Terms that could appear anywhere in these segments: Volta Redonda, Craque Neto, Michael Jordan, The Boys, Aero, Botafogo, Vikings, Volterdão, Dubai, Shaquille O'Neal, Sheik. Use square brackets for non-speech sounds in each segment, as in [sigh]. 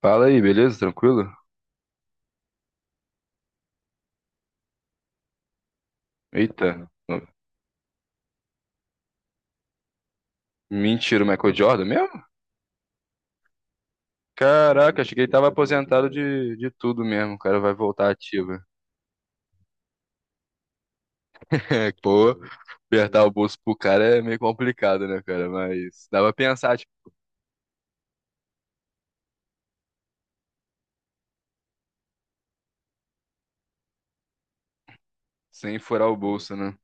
Fala aí, beleza? Tranquilo? Eita. Mentira, o Michael Jordan mesmo? Caraca, achei que ele tava aposentado de tudo mesmo. O cara vai voltar ativo. [laughs] É, pô, apertar o bolso pro cara é meio complicado, né, cara? Mas dá pra pensar, tipo, sem furar o bolso, né?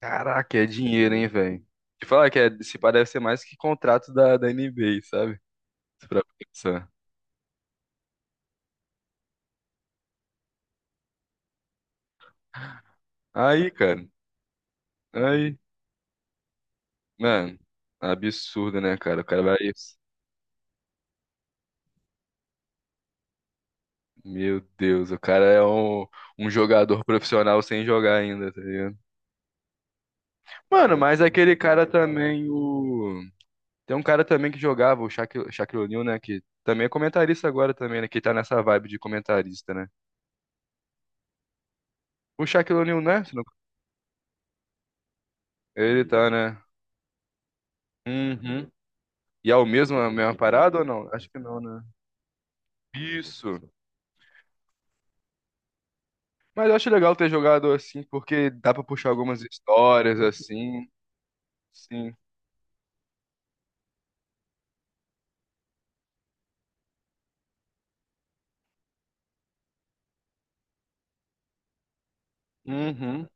Caraca, é dinheiro, hein, velho? Te falar que é, se parece ser mais que contrato da NBA, sabe? Se pra pensar. Aí, cara, aí, mano, absurdo, né, cara? O cara vai. Meu Deus, o cara é um jogador profissional sem jogar ainda, tá ligado? Mano, mas aquele cara também, o. Tem um cara também que jogava, o Shaquille O'Neal, né? Que também é comentarista agora também, né? Que tá nessa vibe de comentarista, né? O Shaquille O'Neal, né? se não- Ele tá, né? Uhum. E é o mesmo, a mesma parada ou não? Acho que não, né? Isso. Mas eu acho legal ter jogado assim, porque dá pra puxar algumas histórias assim. Sim. Uhum.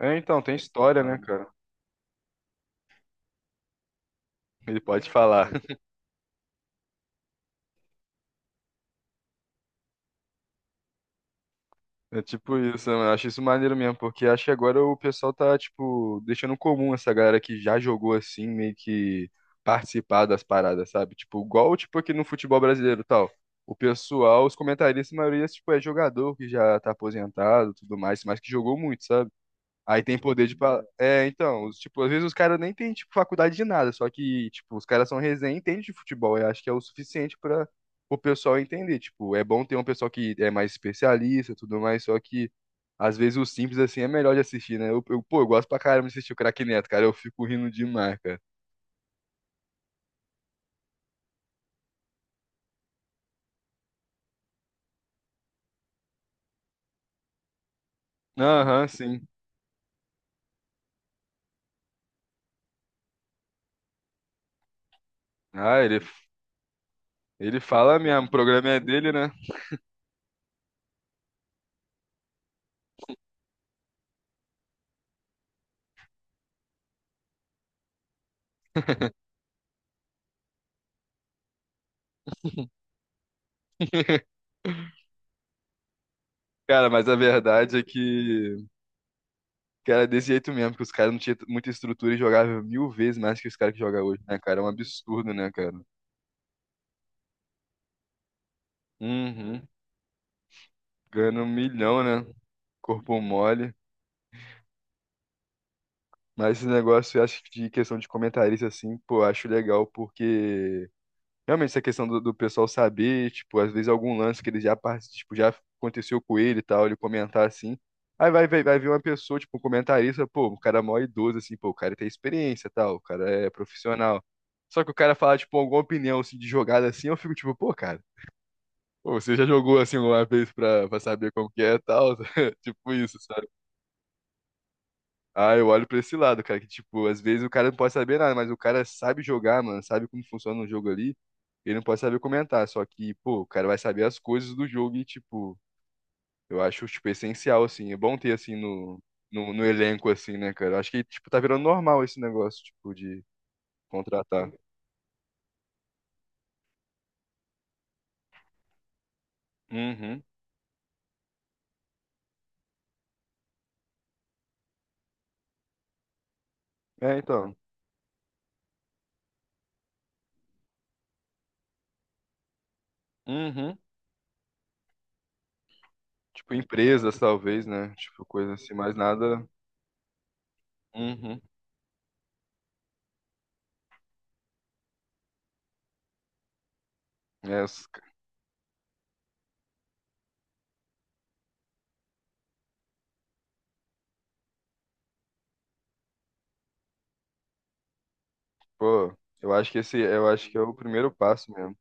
É, então, tem história, né, cara? Ele pode falar. É tipo isso, eu acho isso maneiro mesmo, porque acho que agora o pessoal tá, tipo, deixando comum essa galera que já jogou assim, meio que participar das paradas, sabe? Tipo, igual, tipo, aqui no futebol brasileiro e tal. O pessoal, os comentaristas, a maioria, tipo, é jogador que já tá aposentado, e tudo mais, mas que jogou muito, sabe? Aí tem poder de. É, então, tipo, às vezes os caras nem têm, tipo, faculdade de nada, só que, tipo, os caras são resenha e entendem de futebol. Eu acho que é o suficiente para o pessoal entender. Tipo, é bom ter um pessoal que é mais especialista e tudo mais, só que às vezes o simples assim é melhor de assistir, né? Pô, eu gosto pra caramba de assistir o Craque Neto, cara. Eu fico rindo demais, cara. Aham, sim. Ah, ele fala mesmo, o programa é dele, né? [laughs] Cara, mas a verdade é que Cara, desse jeito mesmo, porque os caras não tinham muita estrutura e jogavam mil vezes mais que os caras que jogam hoje, né, cara? É um absurdo, né, cara? Uhum. Ganhando um milhão, né? Corpo mole. Mas esse negócio, eu acho que de questão de comentarista, assim, pô, eu acho legal porque realmente, essa questão do pessoal saber, tipo, às vezes algum lance que ele já, parti- tipo, já aconteceu com ele e tal, ele comentar assim. Aí vai ver uma pessoa, tipo, um comentarista, pô, o cara é mó idoso, assim, pô, o cara tem experiência e tal, o cara é profissional. Só que o cara fala, tipo, alguma opinião, assim, de jogada, assim, eu fico, tipo, pô, cara, pô, você já jogou, assim, uma vez pra, saber como que é e tal? [laughs] Tipo isso, sabe? Ah, eu olho pra esse lado, cara, que tipo, às vezes o cara não pode saber nada, mas o cara sabe jogar, mano, sabe como funciona o jogo ali, ele não pode saber comentar, só que, pô, o cara vai saber as coisas do jogo e, tipo, eu acho, tipo, essencial, assim, é bom ter, assim, no, no elenco, assim, né, cara, eu acho que, tipo, tá virando normal esse negócio, tipo, de contratar. Uhum, é, então, uhum, tipo, empresas, talvez, né, tipo, coisa assim, mas nada, uhum, é, pô, eu acho que esse, eu acho que é o primeiro passo mesmo.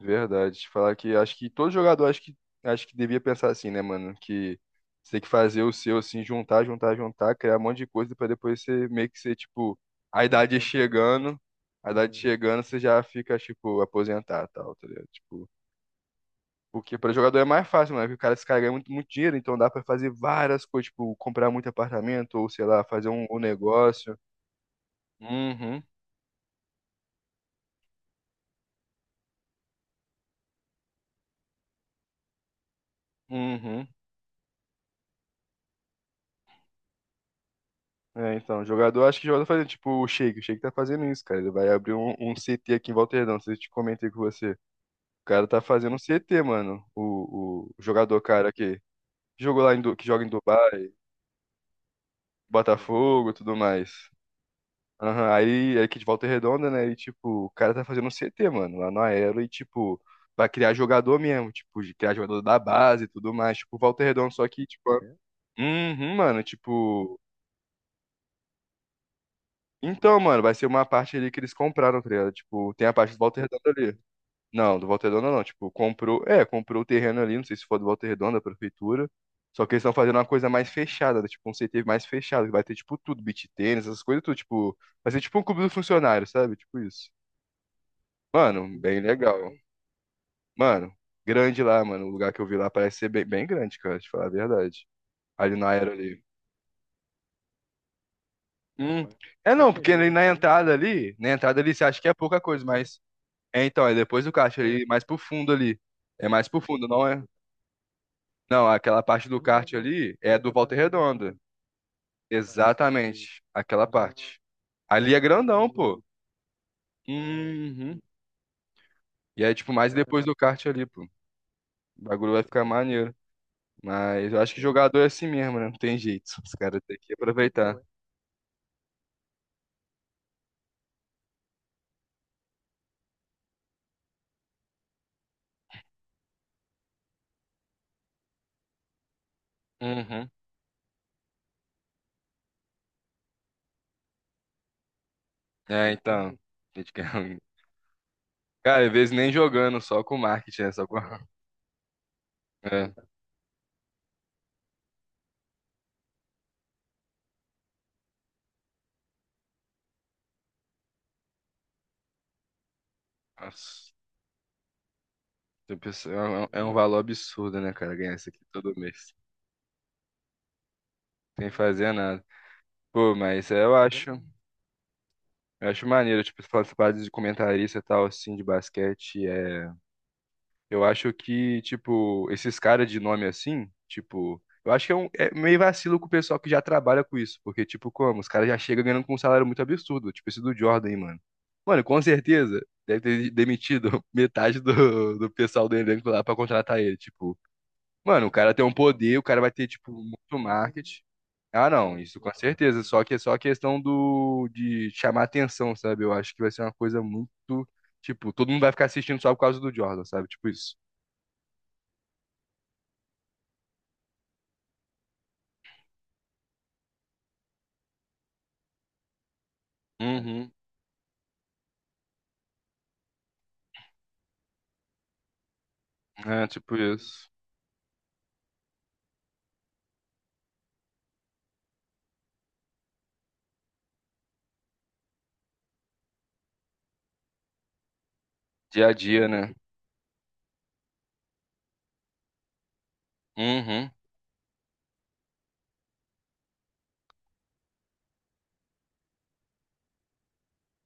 Verdade. Falar que acho que todo jogador acho que devia pensar assim, né, mano? Que você tem que fazer o seu assim, juntar, juntar, juntar, criar um monte de coisa pra depois você meio que ser tipo a idade chegando, a idade chegando, você já fica tipo aposentado, tal, tá ligado? Tipo, porque pra jogador é mais fácil, mano, porque o cara se cara ganha muito, muito dinheiro, então dá pra fazer várias coisas, tipo comprar muito apartamento ou sei lá, fazer um negócio. Uhum. Uhum. É, então, jogador, acho que jogador tá fazendo, tipo, o Sheik tá fazendo isso, cara. Ele vai abrir um CT aqui em Volterdão, se eu te comentei com você. O cara tá fazendo um CT, mano. O jogador, cara, que jogou lá em, que joga em Dubai, Botafogo, tudo mais. Aham, aí é aqui de Volta Redonda, né? E, tipo, o cara tá fazendo um CT, mano, lá no Aero e, tipo, pra criar jogador mesmo, tipo, de criar jogador da base e tudo mais, tipo, Volta Redonda, só que, tipo, uhum, mano, tipo. Então, mano, vai ser uma parte ali que eles compraram, tá ligado? Tipo, tem a parte do Volta Redonda ali. Não, do Volta Redonda não. Tipo, comprou. É, comprou o terreno ali, não sei se for do Volta Redonda, da prefeitura. Só que eles estão fazendo uma coisa mais fechada, né? Tipo, um CT mais fechado, que vai ter, tipo, tudo, beach tênis, essas coisas, tudo. Tipo, vai ser tipo um clube do funcionário, sabe? Tipo isso. Mano, bem legal. Mano, grande lá, mano. O lugar que eu vi lá parece ser bem, bem grande, cara, te falar a verdade. Ali na era ali. Hum. É não, porque ali na entrada ali, na entrada ali você acha que é pouca coisa, mas é, então, é depois do kart ali, mais pro fundo ali. É mais pro fundo, não é? Não, aquela parte do kart ali é do Volta Redonda. Exatamente, aquela parte. Ali é grandão, pô. Uhum. E é tipo mais depois do kart ali, pô. O bagulho vai ficar maneiro. Mas eu acho que jogador é assim mesmo, né? Não tem jeito. Os caras têm que aproveitar. Uhum. É, então. [laughs] a gente quer Cara, às vezes nem jogando, só com marketing, né? Só com. [laughs] É. Nossa. tem pessoa- é um valor absurdo, né, cara? Ganhar isso aqui todo mês. Sem fazer nada. Pô, mas eu acho maneiro, tipo, essas partes de comentarista e tal, assim, de basquete, é... Eu acho que, tipo, esses caras de nome assim, tipo... Eu acho que é, um, é meio vacilo com o pessoal que já trabalha com isso, porque, tipo, como? Os caras já chegam ganhando com um salário muito absurdo, tipo esse do Jordan, aí, mano. Mano, com certeza, deve ter demitido [laughs] metade do pessoal do elenco lá pra contratar ele, tipo... Mano, o cara tem um poder, o cara vai ter, tipo, muito marketing, ah, não, isso com certeza. Só que é só a questão do de chamar atenção, sabe? Eu acho que vai ser uma coisa muito, tipo, todo mundo vai ficar assistindo só por causa do Jordan, sabe? Tipo isso. Uhum. É, tipo isso. Dia a dia, né? Uhum.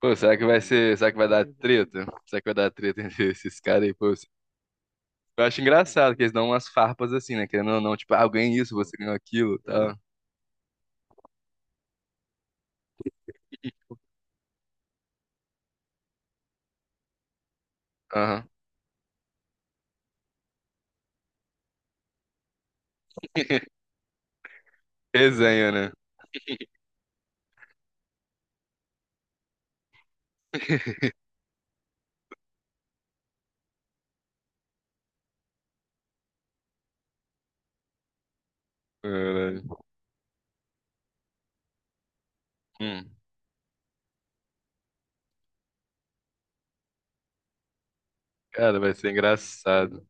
Pô, será que vai dar treta? Será que vai dar treta entre esses caras aí, pô? Eu acho engraçado que eles dão umas farpas assim, né? Querendo ou não, tipo, ah, eu ganhei isso, você ganhou aquilo, tá? Aham. [laughs] Resenha, né? Caralho. Hum. Cara, vai ser engraçado.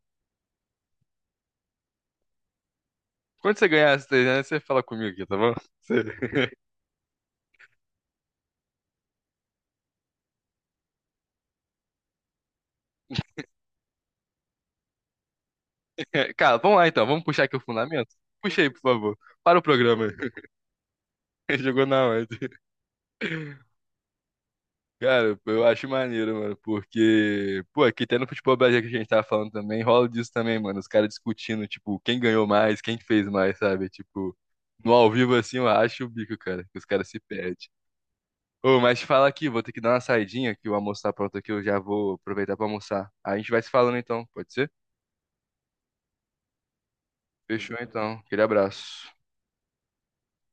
Quando você ganhar as 300, você fala comigo aqui, tá bom? Você- [laughs] Cara, vamos lá então, vamos puxar aqui o fundamento? Puxa aí, por favor. Para o programa. [laughs] Jogou na onde? Cara, eu acho maneiro, mano, porque, pô, aqui até no futebol brasileiro que a gente tava falando também, rola disso também, mano. Os caras discutindo, tipo, quem ganhou mais, quem fez mais, sabe? Tipo, no ao vivo assim, eu acho o bico, cara, que os caras se perdem. Ô, mas te fala aqui, vou ter que dar uma saidinha, que o almoço tá pronto aqui, eu já vou aproveitar pra almoçar. A gente vai se falando então, pode ser? Fechou então, aquele abraço.